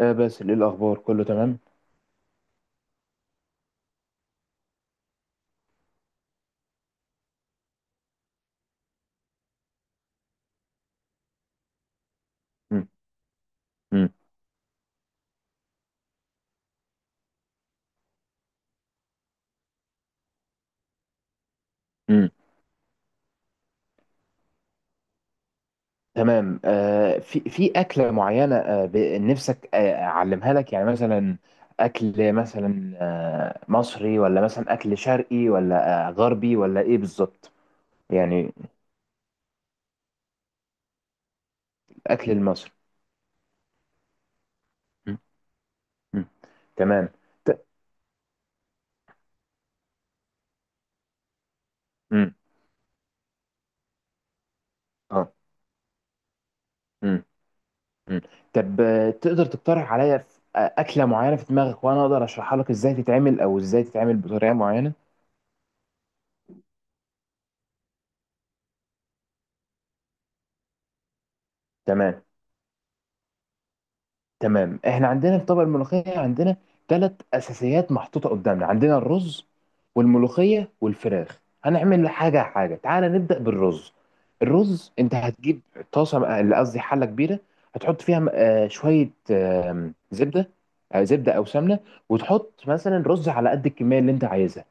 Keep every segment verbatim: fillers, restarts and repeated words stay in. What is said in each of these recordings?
آه باسل، ايه الاخبار؟ كله تمام. مم. مم. مم. تمام. آه في في اكله معينه آه ب- نفسك آه اعلمها لك، يعني مثلا اكل مثلا آه مصري، ولا مثلا اكل شرقي، ولا آه غربي، ولا ايه بالظبط؟ يعني الاكل المصري. مم. مم. تمام. ت... مم. اه. مم. مم. طب آه تقدر تقترح عليا ف- آه، اكله معينه في دماغك، وانا اقدر اشرحها لك ازاي تتعمل، او ازاي تتعمل بطريقه معينه. تمام. تمام، احنا عندنا الطبق الملوخية. عندنا ثلاث اساسيات محطوطة قدامنا: عندنا الرز والملوخية والفراخ. هنعمل حاجة حاجة، تعالى نبدأ بالرز. الرز انت هتجيب طاسة، اللي قصدي حلة كبيرة، هتحط فيها آه، شوية آم، زبدة، آه، زبدة او سمنة، وتحط مثلا رز على قد الكمية اللي انت عايزها،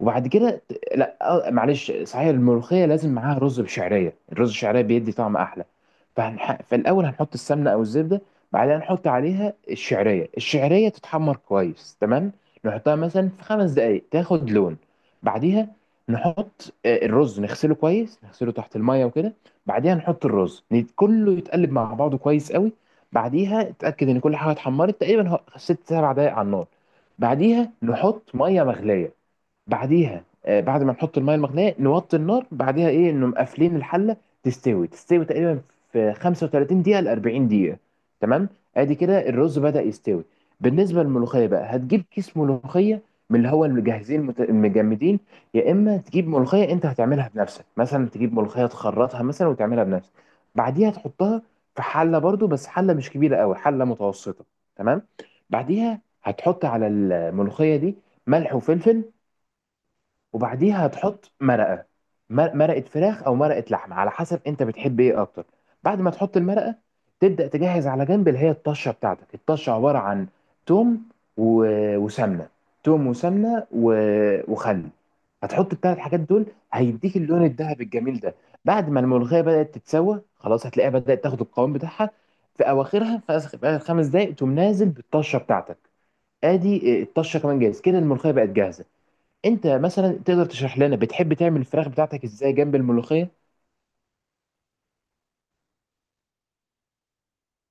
وبعد كده ت- لا، آه، معلش، صحيح الملوخيه لازم معاها رز بشعريه، الرز الشعريه بيدي طعم احلى. فهنح... فالاول هنحط السمنه او الزبده. بعدها نحط عليها الشعريه، الشعريه تتحمر كويس. تمام. نحطها مثلا في خمس دقائق تاخد لون. بعديها نحط آه، الرز، نغسله كويس، نغسله تحت الميه وكده. بعديها نحط الرز نت- كله يتقلب مع بعضه كويس قوي. بعديها اتاكد ان كل حاجه اتحمرت تقريبا، هو- ست سبع دقائق على النار. بعديها نحط ميه مغليه. بعديها آه، بعد ما نحط الميه المغليه نوطي النار، بعديها ايه انه مقفلين الحله. تستوي، تستوي تقريبا في خمسة وثلاثين دقيقه ل اربعين دقيقه. تمام. ادي كده الرز بدأ يستوي. بالنسبه للملوخيه بقى، هتجيب كيس ملوخيه من اللي هو المجهزين، المت- المجمدين، يا اما تجيب ملوخيه انت هتعملها بنفسك، مثلا تجيب ملوخيه تخرطها مثلا وتعملها بنفسك. بعديها تحطها في حله برضو، بس حله مش كبيره قوي، حله متوسطه. تمام. بعديها هتحط على الملوخيه دي ملح وفلفل. وبعديها هتحط مرقه، مر- مرقه فراخ او مرقه لحمه على حسب انت بتحب ايه اكتر. بعد ما تحط المرقه، تبدا تجهز على جنب اللي هي الطشه بتاعتك. الطشه عباره عن توم و- وسمنه، توم وسمنه و- وخل. هتحط الثلاث حاجات دول هيديك اللون الذهبي الجميل ده. بعد ما الملوخيه بدات تتسوى خلاص، هتلاقيها بدات تاخد القوام بتاعها. في اواخرها، في آخر- في اخر خمس دقائق، تقوم نازل بالطشه بتاعتك. ادي آه، الطشه كمان جاهز. كده الملوخيه بقت جاهزه. انت مثلا تقدر تشرح لنا بتحب تعمل الفراخ بتاعتك ازاي جنب الملوخيه؟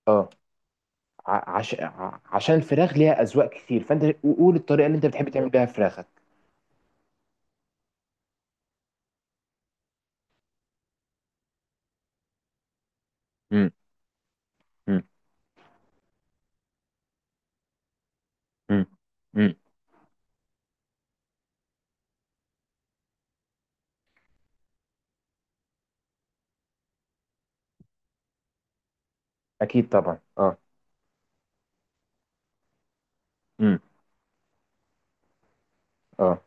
اه. ع- عش... ع- عشان الفراخ ليها اذواق كتير، فانت قول الطريقه اللي انت بتحب تعمل بيها فراخك. امم. امم. امم. امم. اكيد طبعا، اه. امم. اه.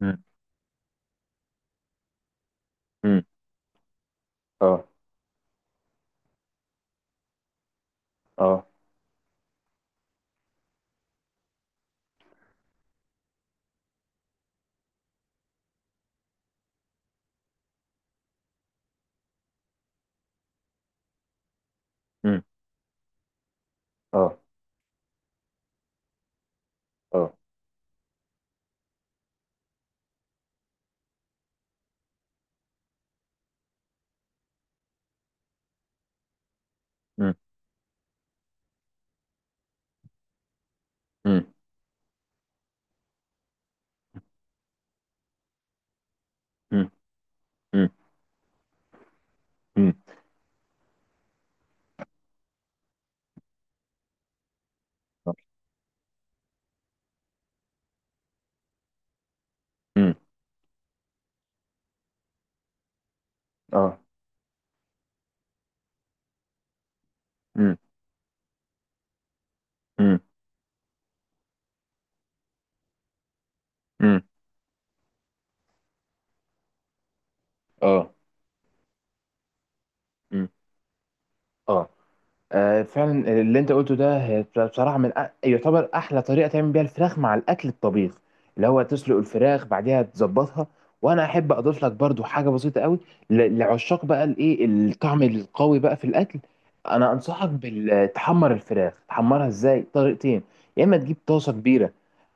امم. امم. اه. اه. امم. اه. اه. امم. امم. امم. امم. امم. اه. امم. امم. امم. اه. امم. اه. آه، فعلا اللي انت قلته ده، هي بصراحه من أ- يعتبر احلى طريقه تعمل بيها الفراخ مع الاكل الطبيخ، اللي هو تسلق الفراخ بعديها تظبطها. وانا احب اضيف لك برضو حاجه بسيطه قوي ل- لعشاق بقى الايه الطعم القوي بقى في الاكل. انا انصحك بتحمر الفراخ. تحمرها ازاي؟ طريقتين. يا اما تجيب طاسه كبيره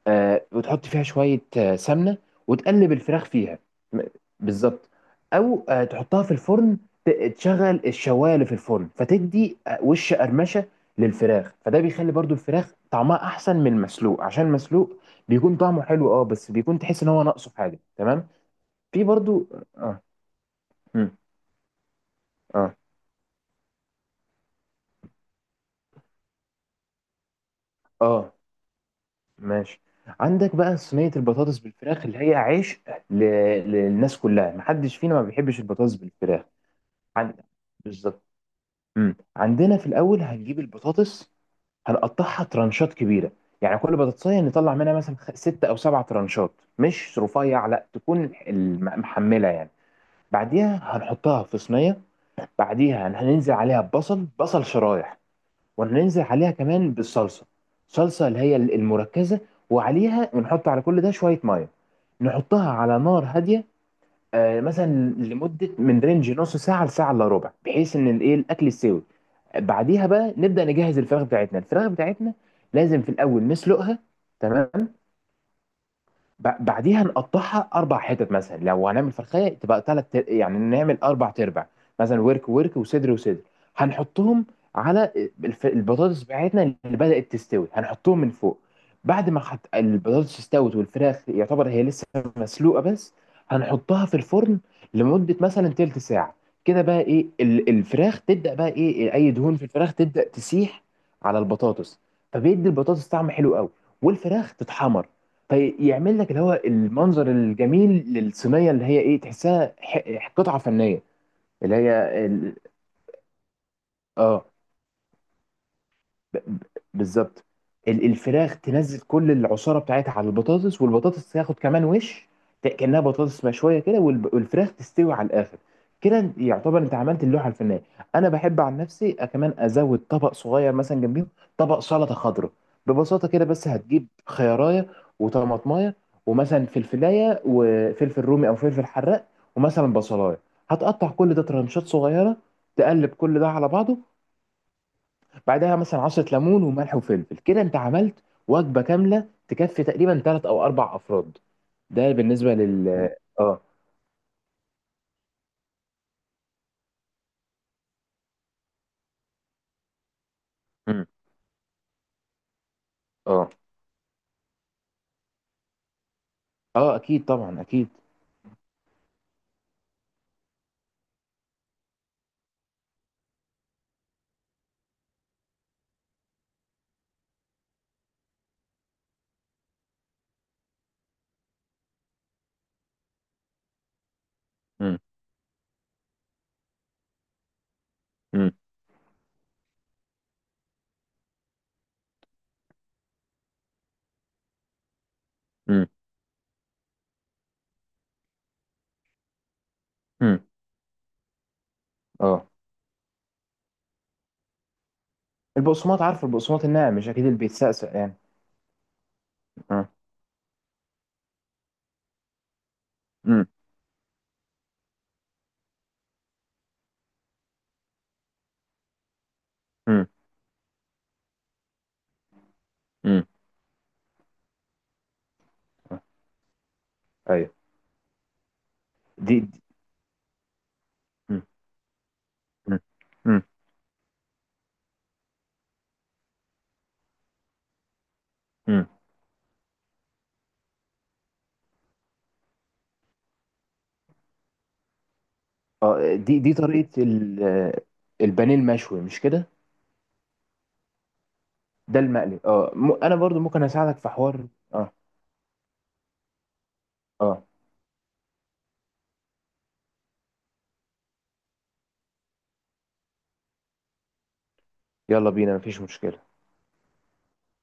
آه، وتحط فيها شوية آه، سمنة، وتقلب الفراخ فيها. م- بالظبط. أو آه، تحطها في الفرن، ت- تشغل الشواية اللي في الفرن، فتدي آه، وش قرمشة للفراخ. فده بيخلي برضو الفراخ طعمها أحسن من المسلوق، عشان المسلوق بيكون طعمه حلو، اه، بس بيكون تحس إن هو ناقصه حاجة. تمام. في برضو. اه. مم. اه. اه. ماشي. عندك بقى صينية البطاطس بالفراخ، اللي هي عيش ل... للناس كلها. محدش فينا ما بيحبش البطاطس بالفراخ. عن- بالظبط. امم. عندنا في الاول هنجيب البطاطس، هنقطعها ترانشات كبيره، يعني كل بطاطسيه نطلع منها مثلا خ- ست او سبع ترانشات، مش رفيع، لا تكون الم- محمله يعني. بعديها هنحطها في صينيه. بعديها هننزل عليها ببصل، بصل شرايح، وهننزل عليها كمان بالصلصه. صلصه اللي هي المركزه. وعليها، ونحط على كل ده شويه ميه، نحطها على نار هاديه. آه، مثلا لمده من رينج نص ساعه لساعه الا ربع، بحيث ان الايه الاكل يستوي. بعديها بقى نبدا نجهز الفراخ بتاعتنا. الفراخ بتاعتنا لازم في الاول نسلقها. تمام. ب- بعديها نقطعها اربع حتت، مثلا لو هنعمل فرخيه تبقى ثلاث، يعني نعمل اربع تربع، مثلا ورك ورك وصدر وصدر، هنحطهم على الف- البطاطس بتاعتنا اللي بدأت تستوي، هنحطهم من فوق. بعد ما حط البطاطس استوت، والفراخ يعتبر هي لسه مسلوقه بس، هنحطها في الفرن لمده مثلا تلت ساعه. كده بقى ايه، ال- الفراخ تبدأ بقى ايه، اي دهون في الفراخ تبدأ تسيح على البطاطس، فبيدي البطاطس طعم حلو قوي، والفراخ تتحمر. فيعمل لك اللي هو المنظر الجميل للصينيه، اللي هي ايه، تحسها ح- قطعه فنيه. اللي هي ال... اه. ب- ب- بالظبط. ال- الفراخ تنزل كل العصاره بتاعتها على البطاطس، والبطاطس تاخد كمان وش، ت- كانها بطاطس مشويه كده، والب- والفراخ تستوي على الاخر. كده يعتبر انت عملت اللوحه الفنيه. انا بحب عن نفسي كمان ازود طبق صغير مثلا جنبيهم، طبق سلطه خضراء. ببساطه كده بس، هتجيب خيارية وطماطمايه، ومثلا فلفلايه، وفلفل رومي او فلفل حراق، ومثلا بصلايه. هتقطع كل ده ترانشات صغيره، تقلب كل ده على بعضه. بعدها مثلا عصرة ليمون وملح وفلفل. كده انت عملت وجبة كاملة تكفي تقريبا ثلاث او اربع افراد. ده بالنسبة لل... اه. مم. اه. اه اكيد طبعا، اكيد. مم. مم. مم. مم. اه. البقسماط، عارف البقسماط الناعم مش؟ اكيد اللي بيتسقسق يعني. اه. مم. مم. مم. آه. ايوه. دي دي- مم. مم. مم. مم. اه، دي دي طريقة ال- البانيه المشوي مش كده؟ ده المقلي، اه. م- انا برضو ممكن اساعدك في حوار. اه. اه. يلا بينا، مفيش مشكلة.